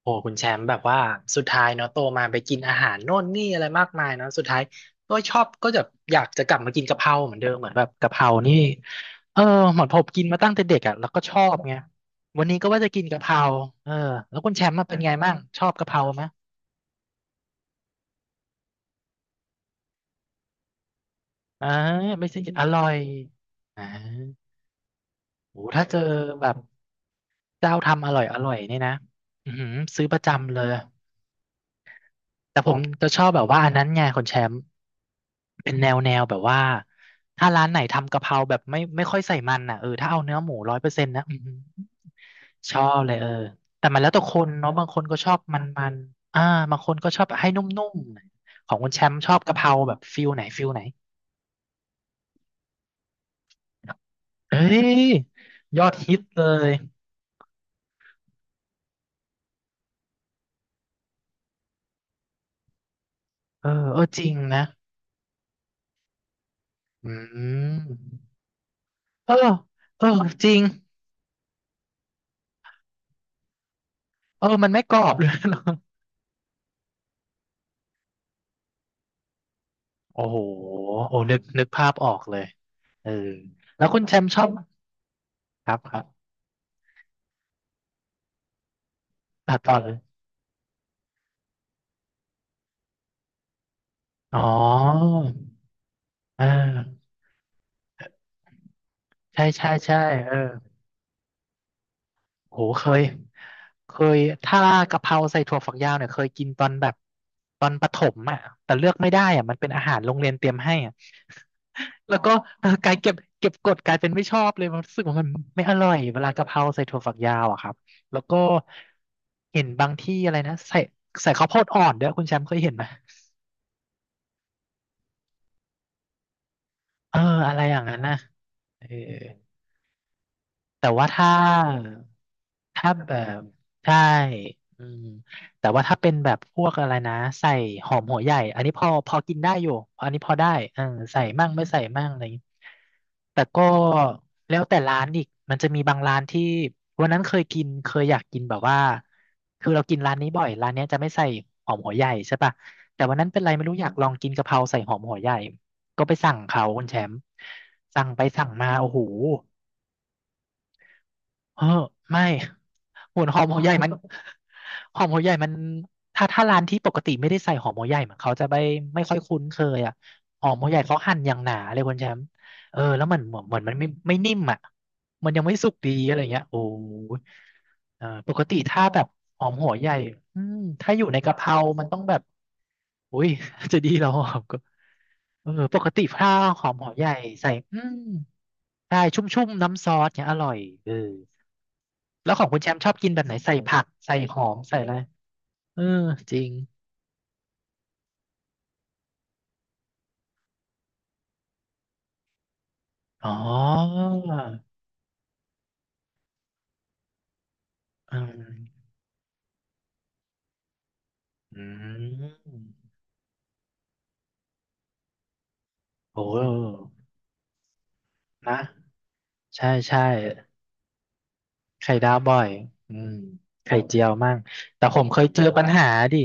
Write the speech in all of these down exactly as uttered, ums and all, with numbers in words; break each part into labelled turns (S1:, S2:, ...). S1: โอ้คุณแชมป์แบบว่าสุดท้ายเนาะโตมาไปกินอาหารโน่นนี่อะไรมากมายเนาะสุดท้ายก็ชอบก็จะอยากจะกลับมากินกะเพราเหมือนเดิมเหมือนแบบกะเพรานี่เออเหมือนผมกินมาตั้งแต่เด็กอ่ะแล้วก็ชอบไงวันนี้ก็ว่าจะกินกะเพราเออแล้วคุณแชมป์มาเป็นไงบ้างชอบกะเพราไหมอ่าไม่ใช่อร่อยอ่าโอ้ถ้าเจอแบบเจ้าทำอร่อยอร่อยนี่นะอือหือซื้อประจำเลย แต่ผมจะชอบแบบว่าอันนั้นไงคนแชมป์เป็นแนวแนวแบบว่าถ้าร้านไหนทำกะเพราแบบไม่ไม่ค่อยใส่มันอ่ะเออถ้าเอาเนื้อหมูร้อยเปอร์เซ็นต์นะอื้อหือชอบเลยเออแต่มันแล้วแต่คนเนาะบางคนก็ชอบมันมันอ่าบางคนก็ชอบให้นุ่มๆของคนแชมป์ชอบกะเพราแบบฟิลไหนฟิลไหนเอ้ยยอดฮิตเลยเออเออจริงนะอืมเออเออจริงเออมันไม่กรอบเลย เนอะ โอ้โหโอ้นึกนึกภาพออกเลยเออแล้วคุณแชมป์ชอบครับครับตัดต่อเลย อ๋ออ่าใช่ใช่ใช่เออ โหเคยเคยถ้ากะเพราใส่ถั่วฝักยาวเนี่ยเคยกินตอนแบบตอนประถมอ่ะแต่เลือกไม่ได้อ่ะมันเป็นอาหารโรงเรียนเตรียมให้อ่ะ แล้วก็ เออกลายเก็บเก็บกดกลายเป็นไม่ชอบเลยมันรู้สึกว่ามันไม่อร่อยเวลากะเพราใส่ถั่วฝักยาวอะครับแล้วก็เห็นบางที่อะไรนะใส่ใส่ข้าวโพดอ่อนด้วยคุณแชมป์เคยเห็นไหมเอออะไรอย่างนั้นนะเออ แต่ว่าถ้าถ้าแบบใช่อืมแต่ว่าถ้าเป็นแบบพวกอะไรนะใส่หอมหัวใหญ่อันนี้พอพอกินได้อยู่อันนี้พอได้เออใส่มั่งไม่ใส่มั่งอะไรอย่างงี้แต่ก็แล้วแต่ร้านอีกมันจะมีบางร้านที่วันนั้นเคยกินเคยอยากกินแบบว่าคือเรากินร้านนี้บ่อยร้านเนี้ยจะไม่ใส่หอมหัวใหญ่ใช่ปะแต่วันนั้นเป็นไรไม่รู้อยากลองกินกะเพราใส่หอมหัวใหญ่ก็ไปสั่งเขาคุณแชมป์สั่งไปสั่งมาโอ้โห เออไม่หุ่นหอมหัวใหญ่มันหอมหัวใหญ่มันถ้าถ้าร้านที่ปกติไม่ได้ใส่หอมหัวใหญ่เหมือนเขาจะไม่ไม่ค่อยคุ้นเคยอ่ะหอมหัวใหญ่เขาหั่นอย่างหนาเลยคุณแชมป์เออแล้วมันเหมือนเหมือนมันไม่ไม่นิ่มอ่ะมันยังไม่สุกดีอะไรเงี้ยโอ้ยเออปกติถ้าแบบหอมหัวใหญ่อืมถ้าอยู่ในกะเพรามันต้องแบบอุ้ยจะดีเหรอหอมก็เออปกติถ้าหอมหัวใหญ่ใส่อืมใช่ชุ่มๆน้ำซอสเนี่ยอร่อยเออ แล้วของคุณแชมป์ชอบกินแบบไหนใส่ผักใส่หอมใส่อะไรเออจริงอ๋ออืมอืมโอ้นะใช่ใช่ไข่ดาวบ่อยอืมไข่เจียวมั่งแต่ผมเคยเจอปัญหาดิ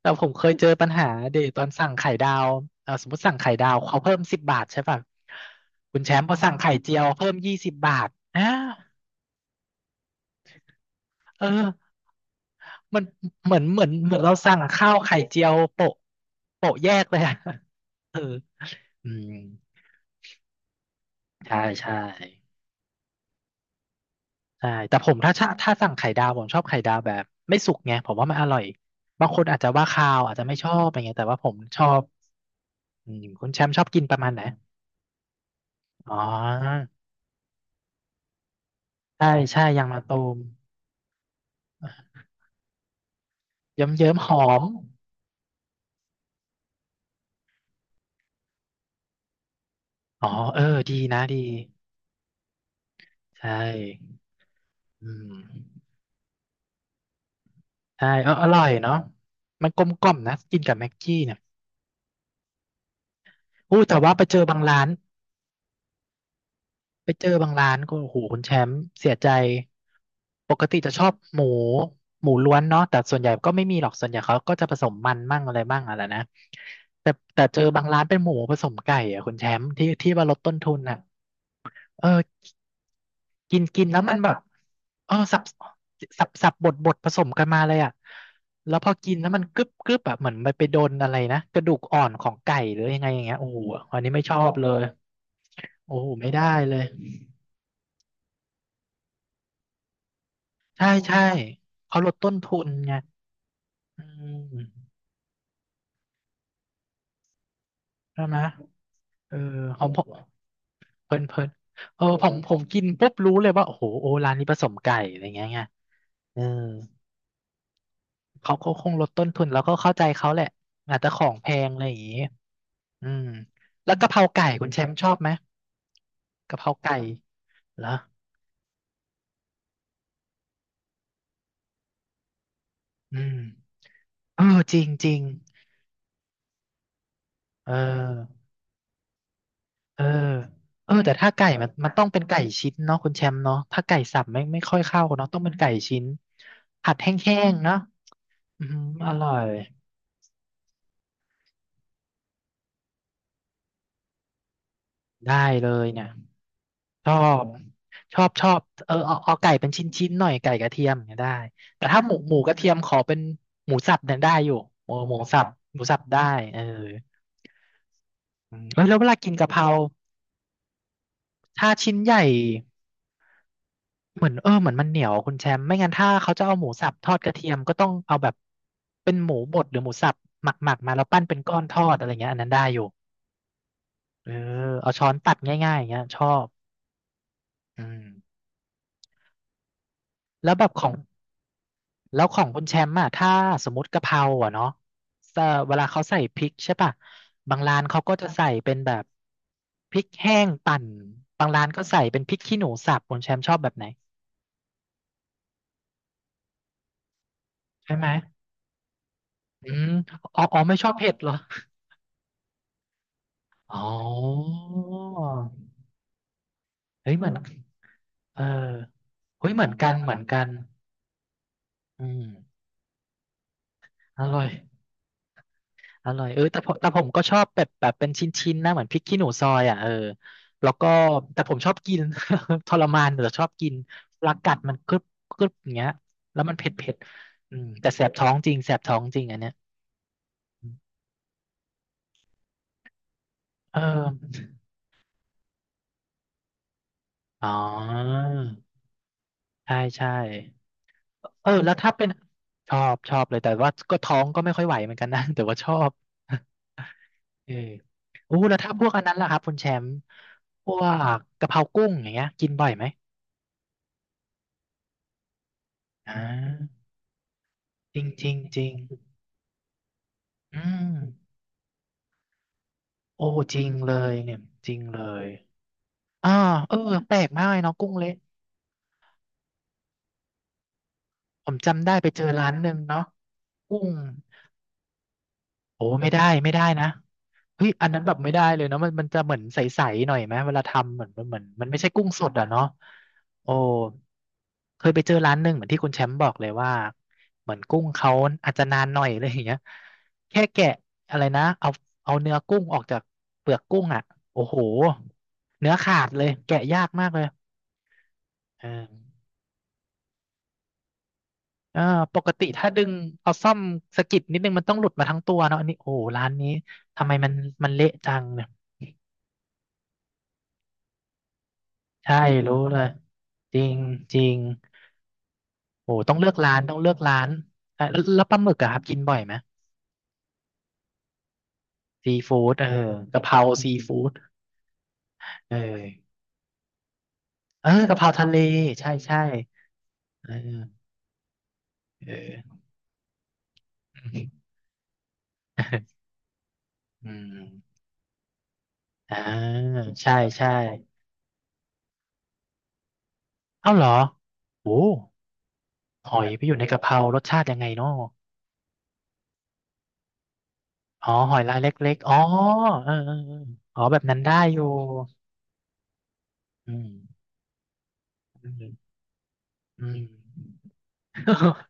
S1: แต่ผมเคยเจอปัญหาดิตอนสั่งไข่ดาวเออสมมติสั่งไข่ดาวเขาเพิ่มสิบบาทใช่ป่ะคุณแชมป์พอสั่งไข่เจียวเพิ่มยี่สิบบาทอ้าเออ มันเหมือนเหมือนเหมือนเราสั่งข้าวไข่เจียวโปะโปะแยกเลยอะ เอออืมใช่ใช่ใช่แต่ผมถ้าชะถ้าสั่งไข่ดาวผมชอบไข่ดาวแบบไม่สุกไงผมว่ามันอร่อยบางคนอาจจะว่าคาวอาจจะไม่ชอบอะไรเงี้ยแต่ว่าผมชอบอืมคุณแชมป์ชอบกินประมาณไหนอ๋อใช่ใช่ยางมะตูมเยิ้มเยิ้มหอมอ๋อเออดีนะดีใช่อืมใช่เอออร่อยเนาะมันกลมกล่อมนะกินกับแม็กกี้เนี่ย อู้แต่ว่าไปเจอบางร้านไปเจอบางร้านก็โอ้โหคุณแชมป์เสียใจปกติจะชอบหมูหมูล้วนเนาะแต่ส่วนใหญ่ก็ไม่มีหรอกส่วนใหญ่เขาก็จะผสมมันมั่งอะไรมั่งอะไรนะแต่แต่เจอบางร้านเป็นหมูผสมไก่อะคุณแชมป์ที่ที่ว่าลดต้นทุนอ่ะเออกินกินแล้วมันแบบเออสับสับสับบดบดผสมกันมาเลยอ่ะแล้วพอกินแล้วมันกรึบกรึบอะเหมือนมันไปโดนอะไรนะกระดูกอ่อนของไก่หรือยังไงอย่างเงี้ยโอ้โหอันนี้ไม่ชอบเลยโอ้โหไม่ได้เลย ใช่ใช่เขาลดต้นทุนไงอืมใช่ไหมเออของผมเพลินเพลินเออผมผมกินปุ๊บรู้เลยว่าโอ้โหโอร้านนี้ผสมไก่อะไรเงี้ยไงเออเขาก็คงลดต้นทุนแล้วก็เข้าใจเขาแหละอาจจะของแพงอะไรอย่างงี้อืมแล้วกะเพราไก่คุณแชมป์ชอบไหมกะเพราไก่เหรออืมเออจริงจริงเออ เออเออแต่ถ้าไก่มันมันต้องเป็นไก่ชิ้นเนาะคุณแชมป์เนาะถ้าไก่สับไม่ไม่ค่อยเข้าเนาะต้องเป็นไก่ชิ้นผัดแห้งๆเนาะอืมอร่อยได้เลยเนี่ยชอบชอบชอบเออเอาเอาไก่เป็นชิ้นๆหน่อยไก่กระเทียมเนี่ยได้แต่ถ้าหมูหมูกระเทียมขอเป็นหมูสับเนี่ยได้อยู่หมูหมูสับหมูสับได้เอออืมเออแล้วเวลากินกะเพราถ้าชิ้นใหญ่ เหมือนเออเหมือนมันเหนียวคุณแชมป์ไม่งั้นถ้าเขาจะเอาหมูสับทอดกระเทียมก็ต้องเอาแบบเป็นหมูบดหรือหมูสับหมักหมักมาแล้วปั้นเป็นก้อนทอดอะไรเงี้ยอันนั้นได้อยู่เออเอาช้อนตัดง่ายๆอย่างเงี้ยชอบอืมแล้วแบบของแล้วของคุณแชมป์อะถ้าสมมติกะเพราอะเนาะเอ่อเวลาเขาใส่พริกใช่ป่ะบางร้านเขาก็จะใส่เป็นแบบพริกแห้งปั่นบางร้านก็ใส่เป็นพริกขี้หนูสับคุณแชมป์ชอบแบบไหนใช่ไหมอืมอ๋ออ๋อไม่ชอบเผ็ดเหรออ๋อ เฮ้ยเหมือนเออเฮ้ยเหมือนกันเหมือนกันอืมอร่อยอร่อยเออแต่ผมแต่ผมก็ชอบแบบแบบเป็นชิ้นๆนะเหมือนพริกขี้หนูซอยอ่ะเออแล้วก็แต่ผมชอบกิน ทรมานแต่ชอบกินปลากัดมันกรึบกรึบอย่างเงี้ยแล้วมันเผ็ดเผ็ดอืมแต่แสบท้องจริงแสบท้องจริงอันเนี้ยเอออ๋อใช่ใช่เออแล้วถ้าเป็นชอบชอบเลยแต่ว่าก็ท้องก็ไม่ค่อยไหวเหมือนกันนะแต่ว่าชอบ เออโอ้แล้วถ้าพวกอันนั้นล่ะครับคุณแชมป์พวกกะเพรากุ้งอย่างเงี้ยกินบ่อยไหมอ่าจริงจริงจริง อืมโอ้จริงเลยเนี่ยจริงเลย อ่า เออแปลกมากเลยเนาะกุ้งเละผมจำได้ไปเจอร้านหนึ่งเนาะกุ้ง โอ้ไม่ได้ไม่ได้นะเฮ้ยอันนั้นแบบไม่ได้เลยเนาะมันมันจะเหมือนใสๆหน่อยไหมเวลาทำเหมือนเหมือนมันไม่ใช่กุ้งสดอ่ะเนาะโอ้เคยไปเจอร้านหนึ่งเหมือนที่คุณแชมป์บอกเลยว่าเหมือนกุ้งเขาอาจจะนานหน่อยอะไรอย่างเงี้ยแค่แกะอะไรนะเอาเอาเนื้อกุ้งออกจากเปลือกกุ้งอ่ะโอ้โหเนื้อขาดเลยแกะยากมากเลยเออเออปกติถ้าดึงเอาซ่อมสะกิดนิดนึงมันต้องหลุดมาทั้งตัวเนาะอันนี้โอ้โหร้านนี้ทำไมมันมันเละจังเนี่ย ใช่รู้เลยจริงจริงโอ้ต้องเลือกร้านต้องเลือกร้านอ่ะแล้วแล้วปลาหมึกอะครับกินบ่อยไหมซีฟู้ดเออกะเพราซีฟู้ดเออเออกะเพราทะเลใช่ใช่เออเออ อืมอ่าใช่ใช่เอ้าเหรอโอ้หอยไปอยู่ในกะเพรารสชาติยังไงเนาะอ๋อหอยลายเล็กๆอ๋อเออเออเอออ๋อแบบนั้นได้อยู่อืมอืมอืม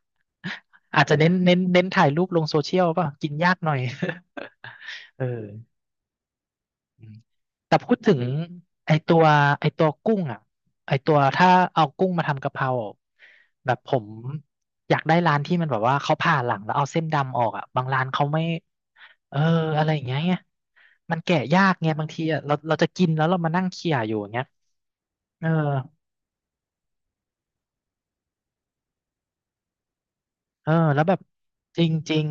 S1: อาจจะเน้นเน้นเน้นถ่ายรูปลงโซเชียลกป่ะกินยากหน่อย เอออืมแต่พูดถึงไอตัวไอตัวกุ้งอ่ะไอตัวถ้าเอากุ้งมาทำกะเพราแบบผมอยากได้ร้านที่มันแบบว่าเขาผ่าหลังแล้วเอาเส้นดำออกอ่ะบางร้านเขาไม่เอออะไรอย่างเงี้ยไงมันแกะยากไงบางทีอะเราเราจะกินแล้วเรามานั่งเคี่ยอยู่อย่างเงี้ยเออ เออแล้วแบบจริง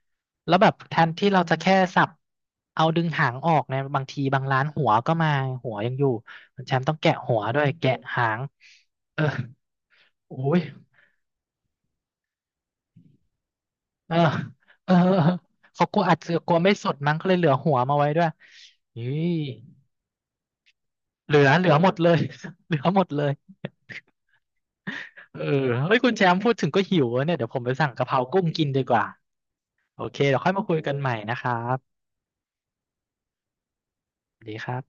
S1: ๆแล้วแบบแทนที่เราจะแค่สับเอาดึงหางออกเนี่ยบางทีบางร้านหัวก็มาหัวยังอยู่แชมป์ต้องแกะหัวด้วยแกะหางเออโอ้ยเออเออเขากลัวอัดเสือกลัวไม่สดมั้งก็เลยเหลือหัวมาไว้ด้วยนี่เหลือเหลือหมดเลย เหลือหมดเลยเออเฮ้ยคุณแชมป์พูดถึงก็หิวอะเนี่ยเดี๋ยวผมไปสั่งกะเพรากุ้งกินดีกว่าโอเคเดี๋ยวค่อยมาคุยกันใหม่นะครับสวัสดีครับ